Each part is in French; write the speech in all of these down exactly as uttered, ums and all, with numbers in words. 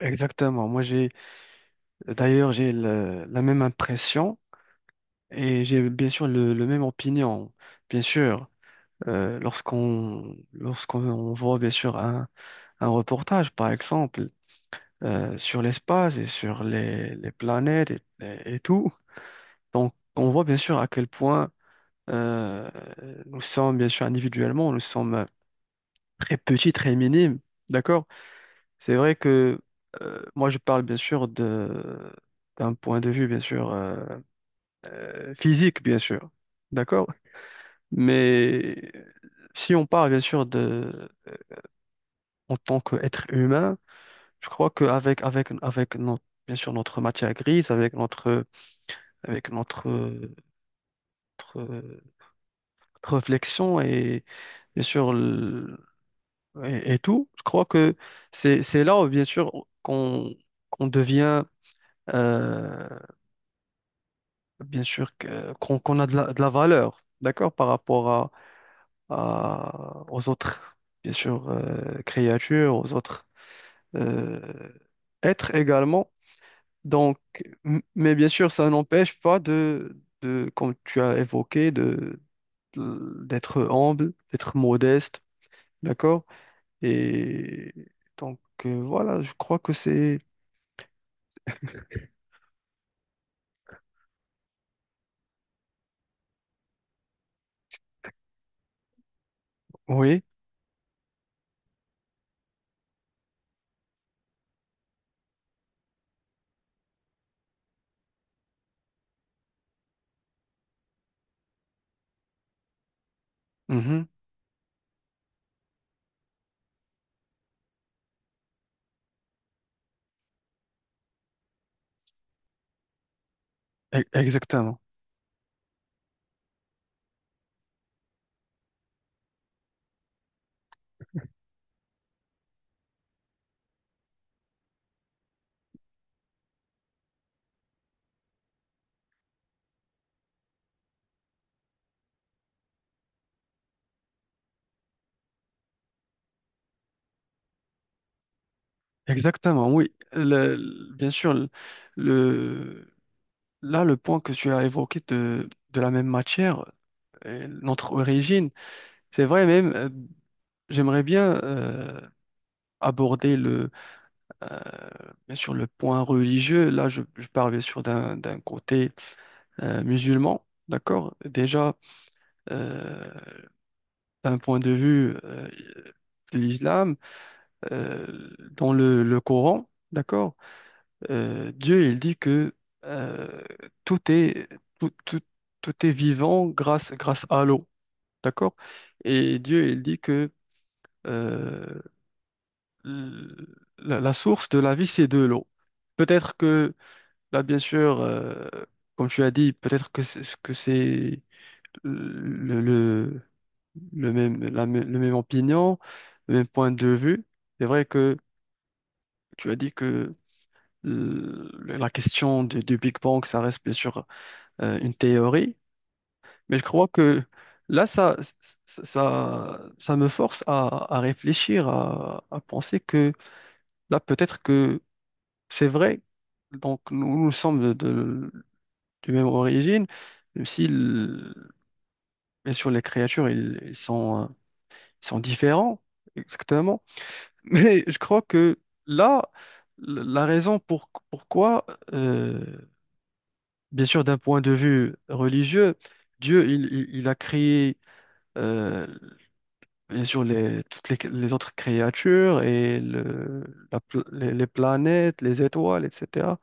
Exactement. Moi, j'ai d'ailleurs j'ai le- la même impression et j'ai bien sûr le, le même opinion. Bien sûr, euh, lorsqu'on lorsqu'on voit bien sûr un, un reportage, par exemple, euh, sur l'espace et sur les, les planètes et, et- et tout, donc on voit bien sûr à quel point euh, nous sommes bien sûr individuellement, nous sommes très petits, très minimes. D'accord? C'est vrai que euh, moi, je parle bien sûr de d'un point de vue bien sûr. euh, euh, physique, bien sûr. D'accord? Mais si on parle, bien sûr, de, en tant qu'être humain, je crois qu'avec avec, avec avec notre, bien sûr, notre matière grise, avec notre, avec notre, notre, notre réflexion et, bien sûr, le- et, et tout, je crois que c'est, c'est là où, bien sûr, qu'on qu'on devient, euh, bien sûr, que- qu'on qu'on a de la, de la valeur, d'accord, par rapport à à- aux autres, bien sûr, euh, créatures, aux autres euh, êtres également. Donc, m- mais bien sûr, ça n'empêche pas de, de, comme tu as évoqué, de, de- d'être humble, d'être modeste, d'accord? Et donc, euh, voilà, je crois que c'est... Oui, mhm, e- exactement. Exactement, oui. Le- le- bien sûr, le, le- là, le point que tu as évoqué de, de la même matière, euh, notre origine. C'est vrai même, euh, j'aimerais bien euh, aborder le, euh, bien sûr le point religieux. Là, je, je parle bien sûr d'un d'un côté euh, musulman, d'accord? Déjà, euh, d'un point de vue euh, de l'islam, euh, dans le, le Coran, d'accord? Euh, Dieu, il dit que euh, tout est, tout, tout, tout est vivant grâce, grâce à l'eau, d'accord? Et Dieu, il dit que euh, l- la, la source de la vie, c'est de l'eau. Peut-être que, là, bien sûr, euh, comme tu as dit, peut-être que c'est que c'est euh, le, le, le même, la, mê- le même opinion, le même point de vue. C'est vrai que tu as dit que euh, la question du, du Big Bang, ça reste bien sûr euh, une théorie, mais je crois que là, ça, ça, ça, ça me force à, à réfléchir, à, à penser que là, peut-être que c'est vrai, donc nous, nous sommes de, de, de même origine, même si, le- bien sûr, les créatures, ils, ils sont, euh, ils sont différents, exactement. Mais je crois que là, l- la raison pour, pourquoi, euh, bien sûr, d'un point de vue religieux, Dieu, il, il- il a créé, euh, bien sûr, les, toutes les, les autres créatures et le, la pl- les les planètes, les étoiles, et cetera.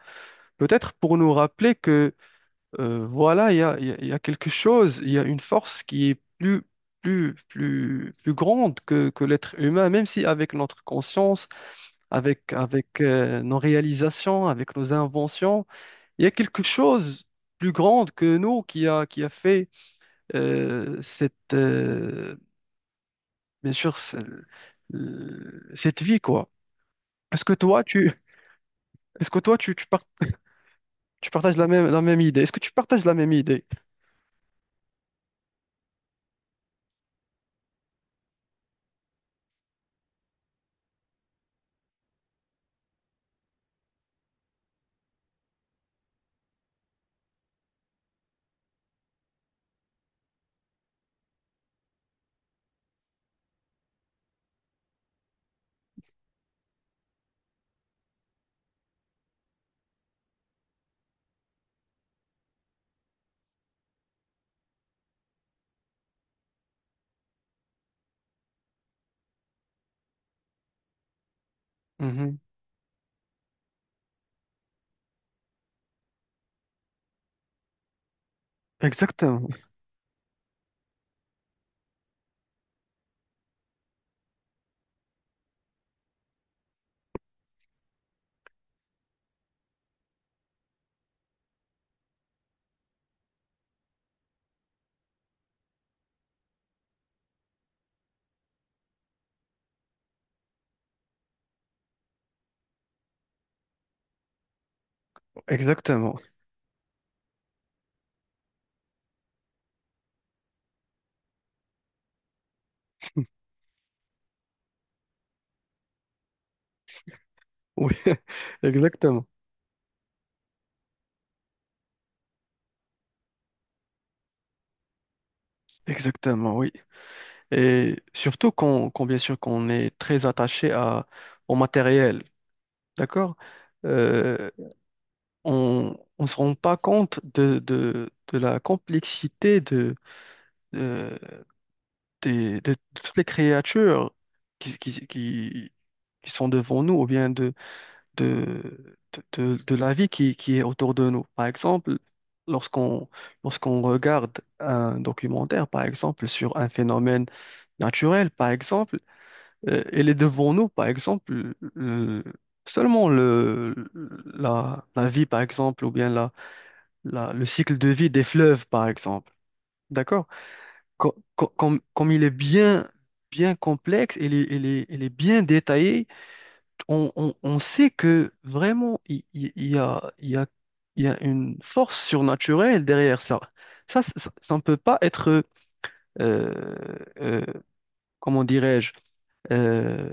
Peut-être pour nous rappeler euh, voilà, il y a, il y a- il y a quelque chose, il y a une force qui est plus, plus, plus, plus grande que, que l'être humain, même si avec notre conscience, avec, avec euh, nos réalisations, avec nos inventions, il y a quelque chose plus grande que nous qui a, qui a fait euh, cette, euh, bien sûr, ce- euh, cette vie, quoi. Est-ce que toi, tu, est-ce que toi, tu, tu, par- tu partages la même, la même idée? Est-ce que tu partages la même idée? Mhm. Exactement, exactement. Oui, exactement. Exactement, oui. Et surtout qu'on, qu'on- bien sûr qu'on est très attaché à, au matériel, d'accord? Euh, on ne se rend pas compte de, de, de la complexité de, de, des- de toutes les créatures qui, qui, qui, qui sont devant nous, ou bien de, de, de la vie qui, qui est autour de nous. Par exemple, lorsqu'on lorsqu'on regarde un documentaire, par exemple, sur un phénomène naturel, par exemple, euh, il est devant nous, par exemple, euh, seulement le, la, la vie, par exemple, ou bien la, la- le cycle de vie des fleuves, par exemple. D'accord? Co- co- Comme, comme il est bien, bien complexe, il est, il est, il est bien détaillé. On, on- on sait que vraiment, il, il- il y a, il y a, il y a une force surnaturelle derrière ça. Ça, c- ça, ça ne peut pas être, euh, euh, comment dirais-je, euh,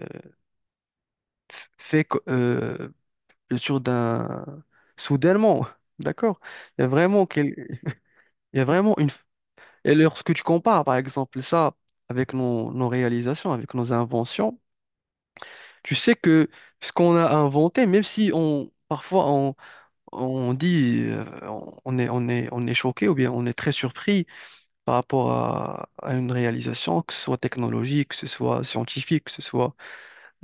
f- fait co- euh, sur d'un soudainement, d'accord? Il y a vraiment, quel- il y a vraiment une... Et lorsque tu compares, par exemple, ça avec nos, nos réalisations, avec nos inventions, tu sais que ce qu'on a inventé, même si on, parfois on dit, euh, on est, on est, on est choqué ou bien on est très surpris par rapport à, à une réalisation, que ce soit technologique, que ce soit scientifique, que ce soit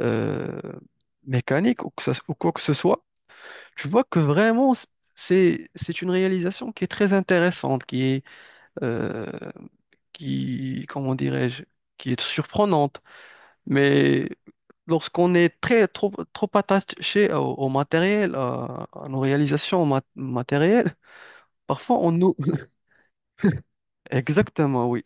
euh, mécanique ou, que ça- ou quoi que ce soit. Tu vois que vraiment, c'est, c'est une réalisation qui est très intéressante, qui est, euh, qui, comment dirais-je, qui est surprenante. Mais lorsqu'on est très, trop, trop attaché au, au matériel, à, à nos réalisations mat- matérielles, parfois, on nous... Exactement, oui.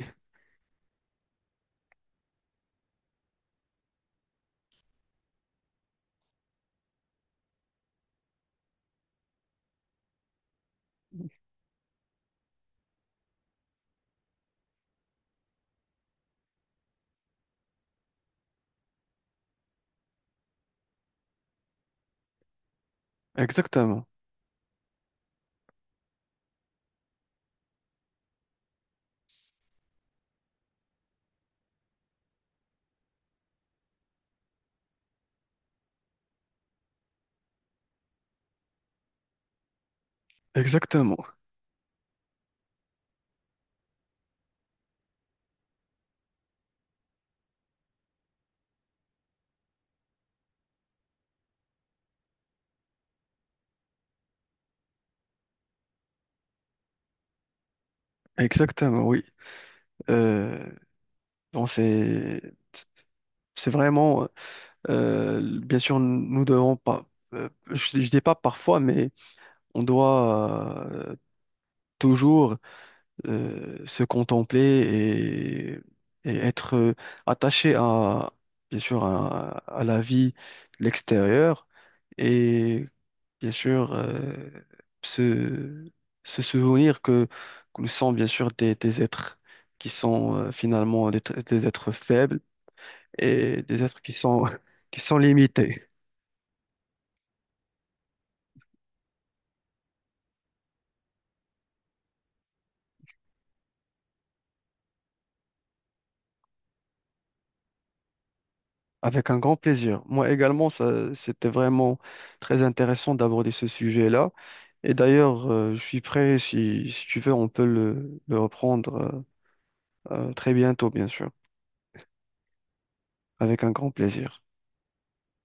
Exactement. Exactement. Exactement, oui. Euh, bon, c'est c'est vraiment, euh, bien sûr, nous devons pas, euh, je, je dis pas parfois, mais on doit euh, toujours euh, se contempler et, et être euh, attaché à, bien sûr, à, à la vie l'extérieure et bien sûr euh, se, se souvenir que, que nous sommes bien sûr des, des êtres qui sont euh, finalement des, des êtres faibles et des êtres qui sont, qui sont limités. Avec un grand plaisir. Moi également, ça, c'était vraiment très intéressant d'aborder ce sujet-là. Et d'ailleurs, euh, je suis prêt, si, si tu veux, on peut le, le reprendre euh, euh, très bientôt, bien sûr, avec un grand plaisir.